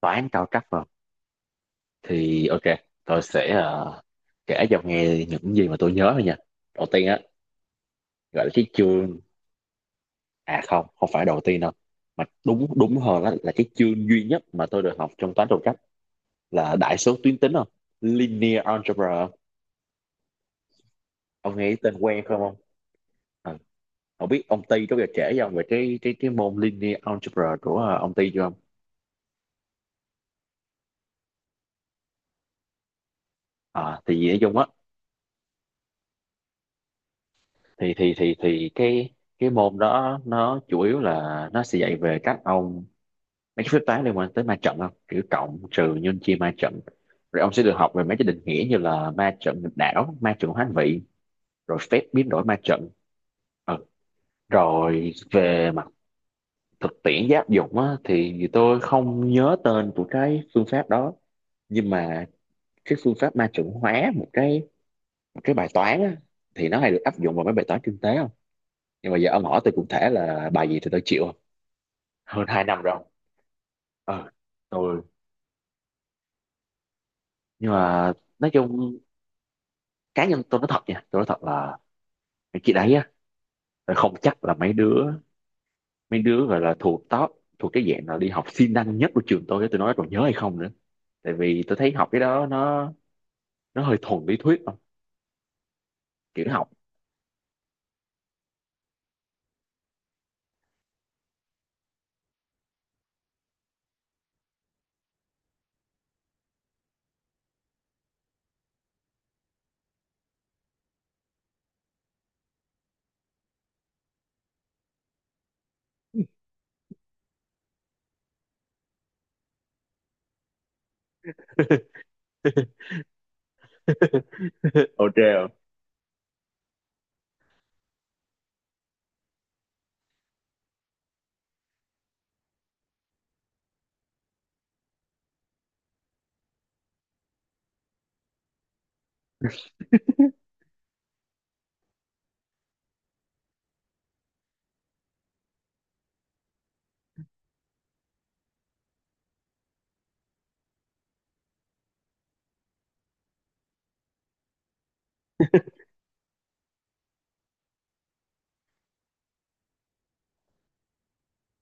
Toán cao cấp vào thì ok. Tôi sẽ kể cho ông nghe những gì mà tôi nhớ thôi nha. Đầu tiên á, gọi là cái chương, à không, không phải đầu tiên đâu, mà đúng đúng hơn là cái chương duy nhất mà tôi được học trong toán cao cấp là đại số tuyến tính không, linear algebra. Ông nghe cái tên quen không ông? Ờ, ông biết ông Ty có bao giờ kể cho ông về cái môn linear algebra của ông Ty chưa không? À, thì nói chung á, thì cái môn đó nó chủ yếu là nó sẽ dạy về các ông mấy cái phép toán liên quan tới ma trận không, kiểu cộng trừ nhân chia ma trận. Rồi ông sẽ được học về mấy cái định nghĩa như là ma trận nghịch đảo, ma trận hoán vị, rồi phép biến đổi ma trận. ừ. Rồi về mặt thực tiễn áp dụng á, thì tôi không nhớ tên của cái phương pháp đó, nhưng mà cái phương pháp ma trận hóa một cái, một cái bài toán á, thì nó hay được áp dụng vào mấy bài toán kinh tế không. Nhưng mà giờ ông hỏi tôi cụ thể là bài gì thì tôi chịu không? Hơn 2 năm rồi. Ờ tôi Nhưng mà nói chung, cá nhân tôi nói thật nha, tôi nói thật là mấy chị đấy á, là không chắc là mấy đứa, mấy đứa gọi là thuộc top, thuộc cái dạng là đi học siêng năng nhất của trường tôi á, tôi nói còn nhớ hay không nữa. Tại vì tôi thấy học cái đó nó hơi thuần lý thuyết không, kiểu nó học. Ok không.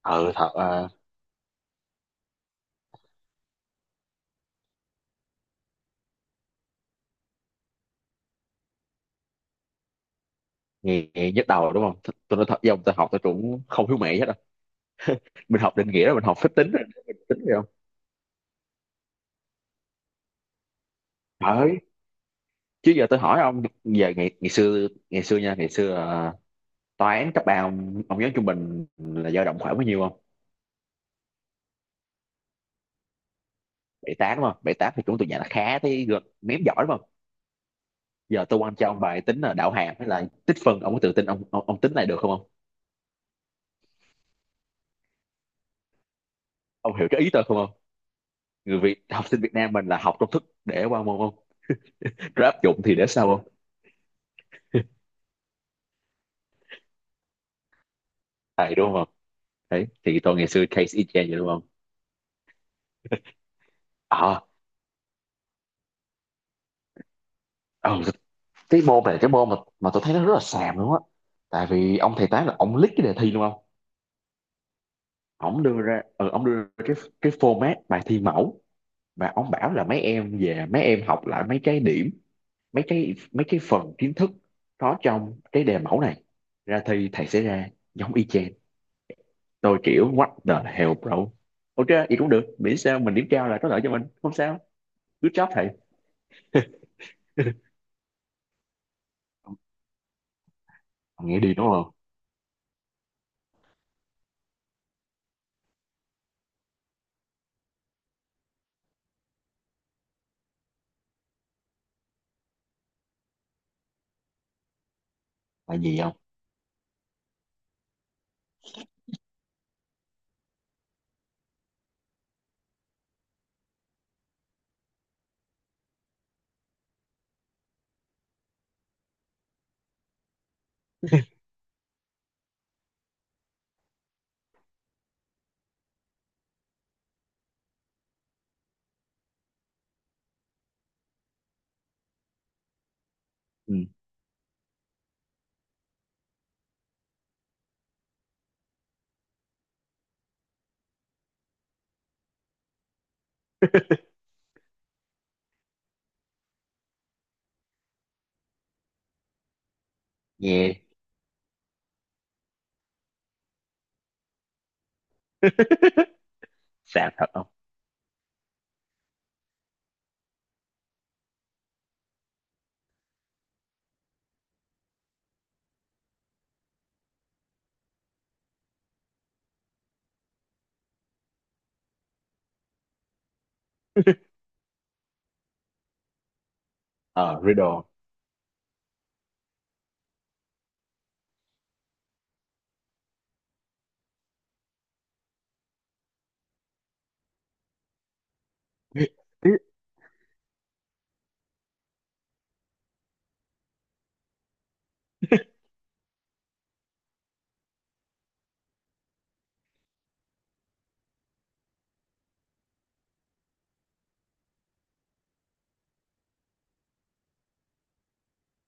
Ờ Thật à? Nghe nhức đầu đúng không? Tôi nói thật với ông, tôi học tôi cũng không hiểu mẹ hết đâu. Mình học định nghĩa, rồi mình học phép tính, rồi mình tính rồi không. Đấy. Chứ giờ tôi hỏi ông, giờ ngày ngày xưa nha ngày xưa à, toán cấp ba ông nhớ trung bình là dao động khoảng bao nhiêu không? Bảy tám đúng không? Bảy tám thì cũng tụi nhà nó khá, thấy gật ném giỏi đúng không? Giờ tôi quăng cho ông bài tính là đạo hàm hay là tích phân, ông có tự tin ông tính này được không ông? Ông hiểu cái ý tôi không ông? Người Việt, học sinh Việt Nam mình là học công thức để qua môn không, rồi áp dụng thì để sau không. Thầy đúng không. Đấy, thì tôi ngày xưa case y chang vậy đúng không. à ừ, cái môn này, cái môn mà tôi thấy nó rất là xàm luôn á. Tại vì ông thầy tá là ông lít cái đề thi đúng không, ông đưa ra cái format bài thi mẫu mà ông bảo là mấy em về mấy em học lại mấy cái điểm, mấy cái phần kiến thức có trong cái đề mẫu này, ra thi thầy sẽ ra giống y chang. Tôi kiểu what the hell bro. Ok vậy cũng được, miễn sao mình điểm cao là có lợi cho mình không sao. Good job thầy. Ông nghe đi đúng không. Là gì không. Ừ. Nghe. Sao, thật không. Ờ Riddle. ý,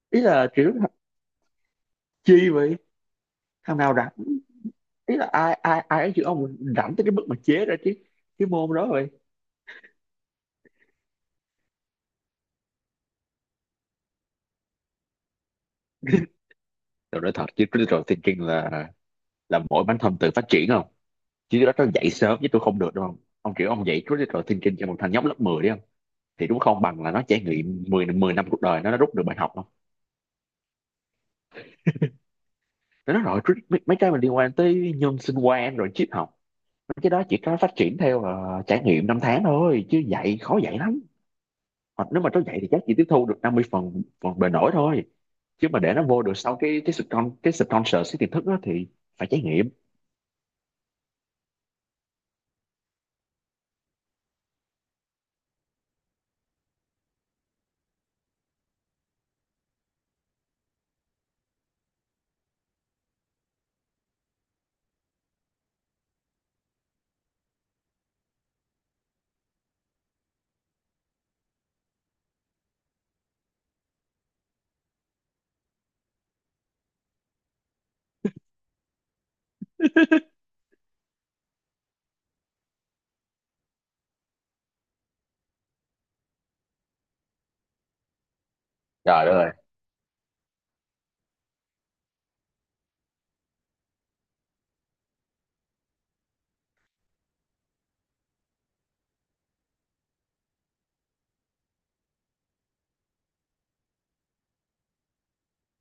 ý là kiểu chi vậy, thằng nào rảnh, ý là ai ai ai ấy chứ ông, rảnh tới cái mức mà chế ra cái môn đó rồi. Tôi nói thật, chứ critical thinking là mỗi bản thân tự phát triển không, chứ đó nó dạy sớm chứ tôi không được đúng không. Ông kiểu ông dạy critical thinking cho một thằng nhóc lớp 10 đi không, thì đúng không bằng là nó trải nghiệm 10 10 năm cuộc đời nó rút được bài học không. Nó nói rồi, mấy cái mà liên quan tới nhân sinh quan rồi triết học, mấy cái đó chỉ có phát triển theo trải nghiệm năm tháng thôi, chứ dạy khó dạy lắm. Hoặc nếu mà nó vậy thì chắc chỉ tiếp thu được 50 phần phần bề nổi thôi, chứ mà để nó vô được sau cái sponsor, cái sponsor cái tiềm thức đó thì phải trải nghiệm. Trời đất ơi.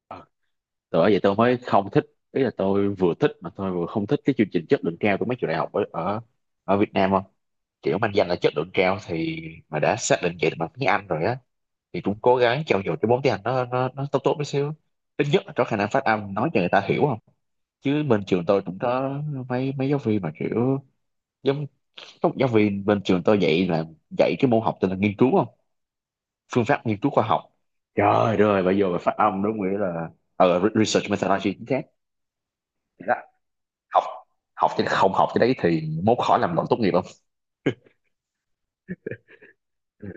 Ờ, từ Bởi vậy tôi mới không thích, ý là tôi vừa thích mà tôi vừa không thích cái chương trình chất lượng cao của mấy trường đại học ở ở, ở Việt Nam không. Kiểu mang danh là chất lượng cao thì mà đã xác định vậy bằng tiếng Anh rồi á, thì cũng cố gắng trau dồi cái vốn tiếng Anh nó tốt tốt một xíu, ít nhất là có khả năng phát âm nói cho người ta hiểu không. Chứ bên trường tôi cũng có mấy mấy giáo viên mà kiểu giống. Các giáo viên bên trường tôi dạy là dạy cái môn học tên là nghiên cứu không? Phương pháp nghiên cứu khoa học. Trời ơi, bây giờ mà phát âm đúng nghĩa là research methodology chính xác. Thì đó. Học học chứ, không học cái đấy thì mốt khỏi làm luận tốt nghiệp không? Ừ.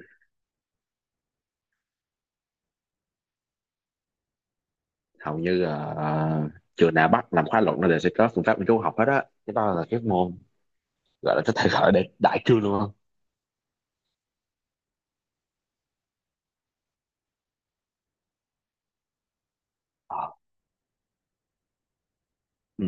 Hầu như là trường nào bắt làm khóa luận nó đều sẽ có phương pháp nghiên cứu học hết á. Cái đó là cái môn gọi là, có thể gọi để đại cương luôn không? Ờ. Ừ.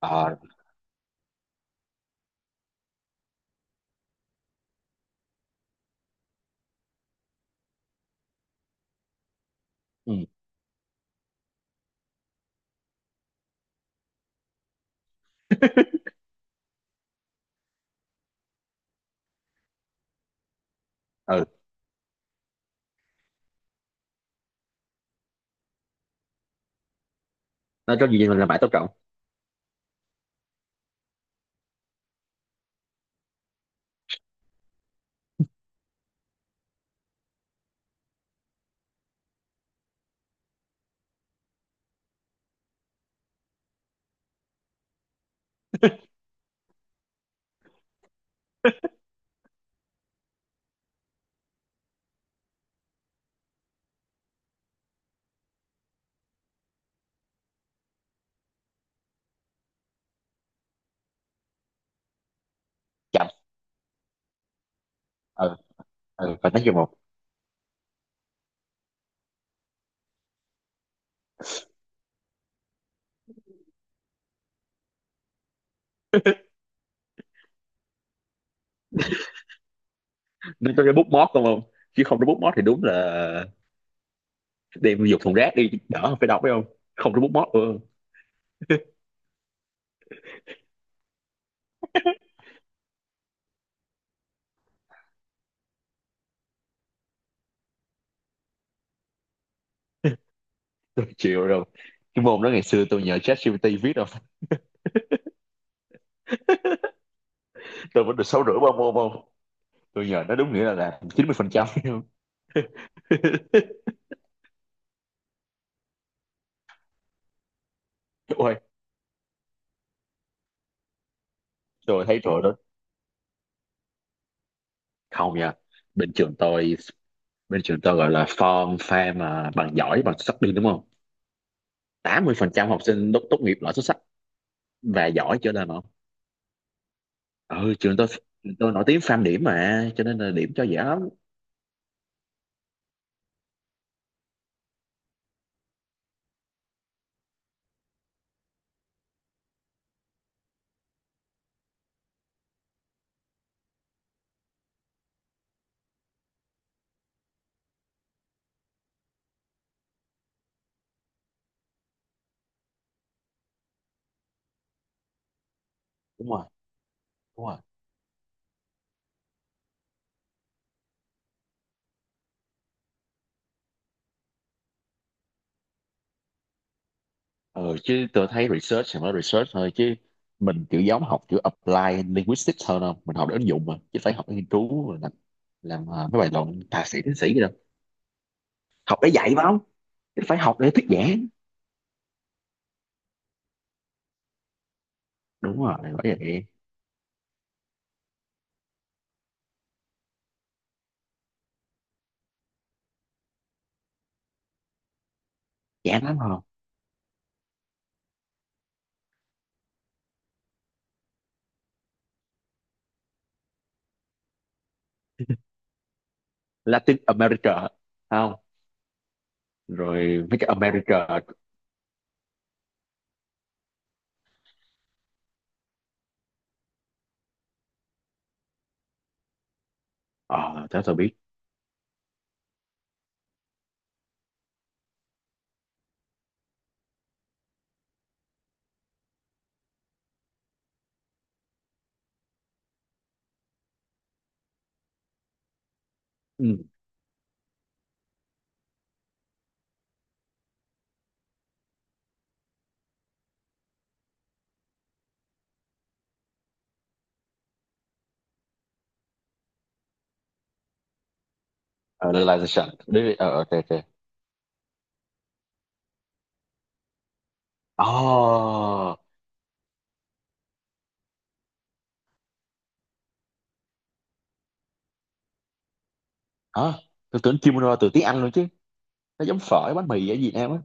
Ờ. Ừ. Ừ. Nó có gì mình làm mãi tốt trọng. Chậm. Ừ. Ừ. Và nói chung một. Nó tôi cái bút mót không không? Chứ không có bút mót thì đúng là đem dục thùng rác đi, đỡ phải đọc phải không. Không có bút móc. Ừ. Tôi chịu rồi, cái môn đó ngày xưa tôi nhờ ChatGPT viết đâu, tôi vẫn được 6,5 ba môn không. Tôi nhờ nó đúng nghĩa là làm 90%. Ôi tôi thấy rồi đó, không nha. Bên trường tôi bên trường tôi gọi là form fam mà bằng giỏi bằng xuất sắc đi đúng không. 80% học sinh tốt nghiệp loại xuất sắc và giỏi trở lên không. Ừ trường tôi, trường tôi nổi tiếng farm điểm mà cho nên là điểm cho dễ lắm. Đúng rồi. Đúng rồi. Ờ Chứ tôi thấy research thì mới research thôi chứ, mình kiểu giống học kiểu apply linguistics hơn không, mình học để ứng dụng mà chứ phải học để nghiên cứu rồi làm mấy bài luận thạc sĩ tiến sĩ gì đâu. Học để dạy phải không, chứ phải học để thuyết giảng. Đúng rồi, bởi vậy. Chán lắm không. Latin America không, rồi mấy cái America. Ờ Thế tôi biết. Ừ. ờ, Realization đi, ok ok. Ồ. Hả, tôi tưởng kimono từ tiếng Anh luôn chứ, nó giống phở bánh mì ở Việt Nam á.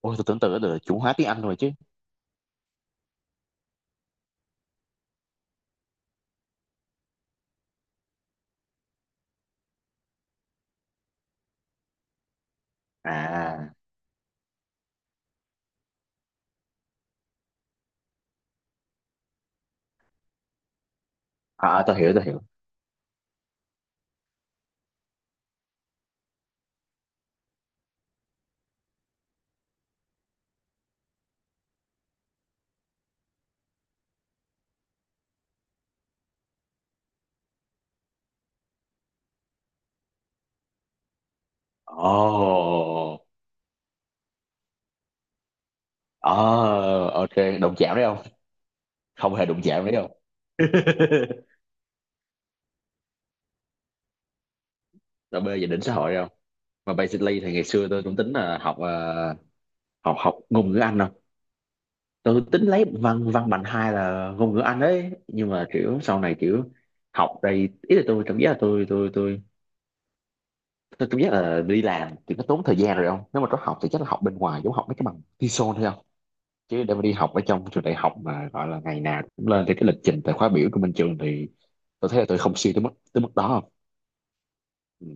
Ôi tôi tưởng tượng nó là chủ hóa tiếng Anh rồi chứ. À à, à tôi hiểu, tôi hiểu. Ồ. Oh, ok. Đụng chạm đấy không. Không hề đụng chạm đấy không. Là bê về đỉnh xã hội không. Mà basically thì ngày xưa tôi cũng tính là học học học ngôn ngữ Anh không. Tôi tính lấy văn văn bằng hai là ngôn ngữ Anh đấy. Nhưng mà kiểu sau này kiểu học đây, ý là tôi cảm giác là tôi tôi cảm giác là đi làm thì nó tốn thời gian rồi không, nếu mà có học thì chắc là học bên ngoài, giống học mấy cái bằng TESOL thôi không. Chứ để mà đi học ở trong trường đại học mà gọi là ngày nào cũng lên thì cái lịch trình tại khóa biểu của bên trường, thì tôi thấy là tôi không siêng tới mức đó không. Ừ.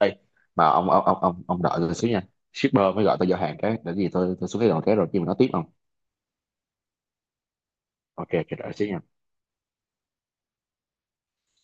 Đây, mà ông đợi tôi xíu nha, shipper mới gọi tôi giao hàng cái để gì, tôi xuống cái đầu cái rồi khi mà nó tiếp không. Ok chờ đợi xíu nha.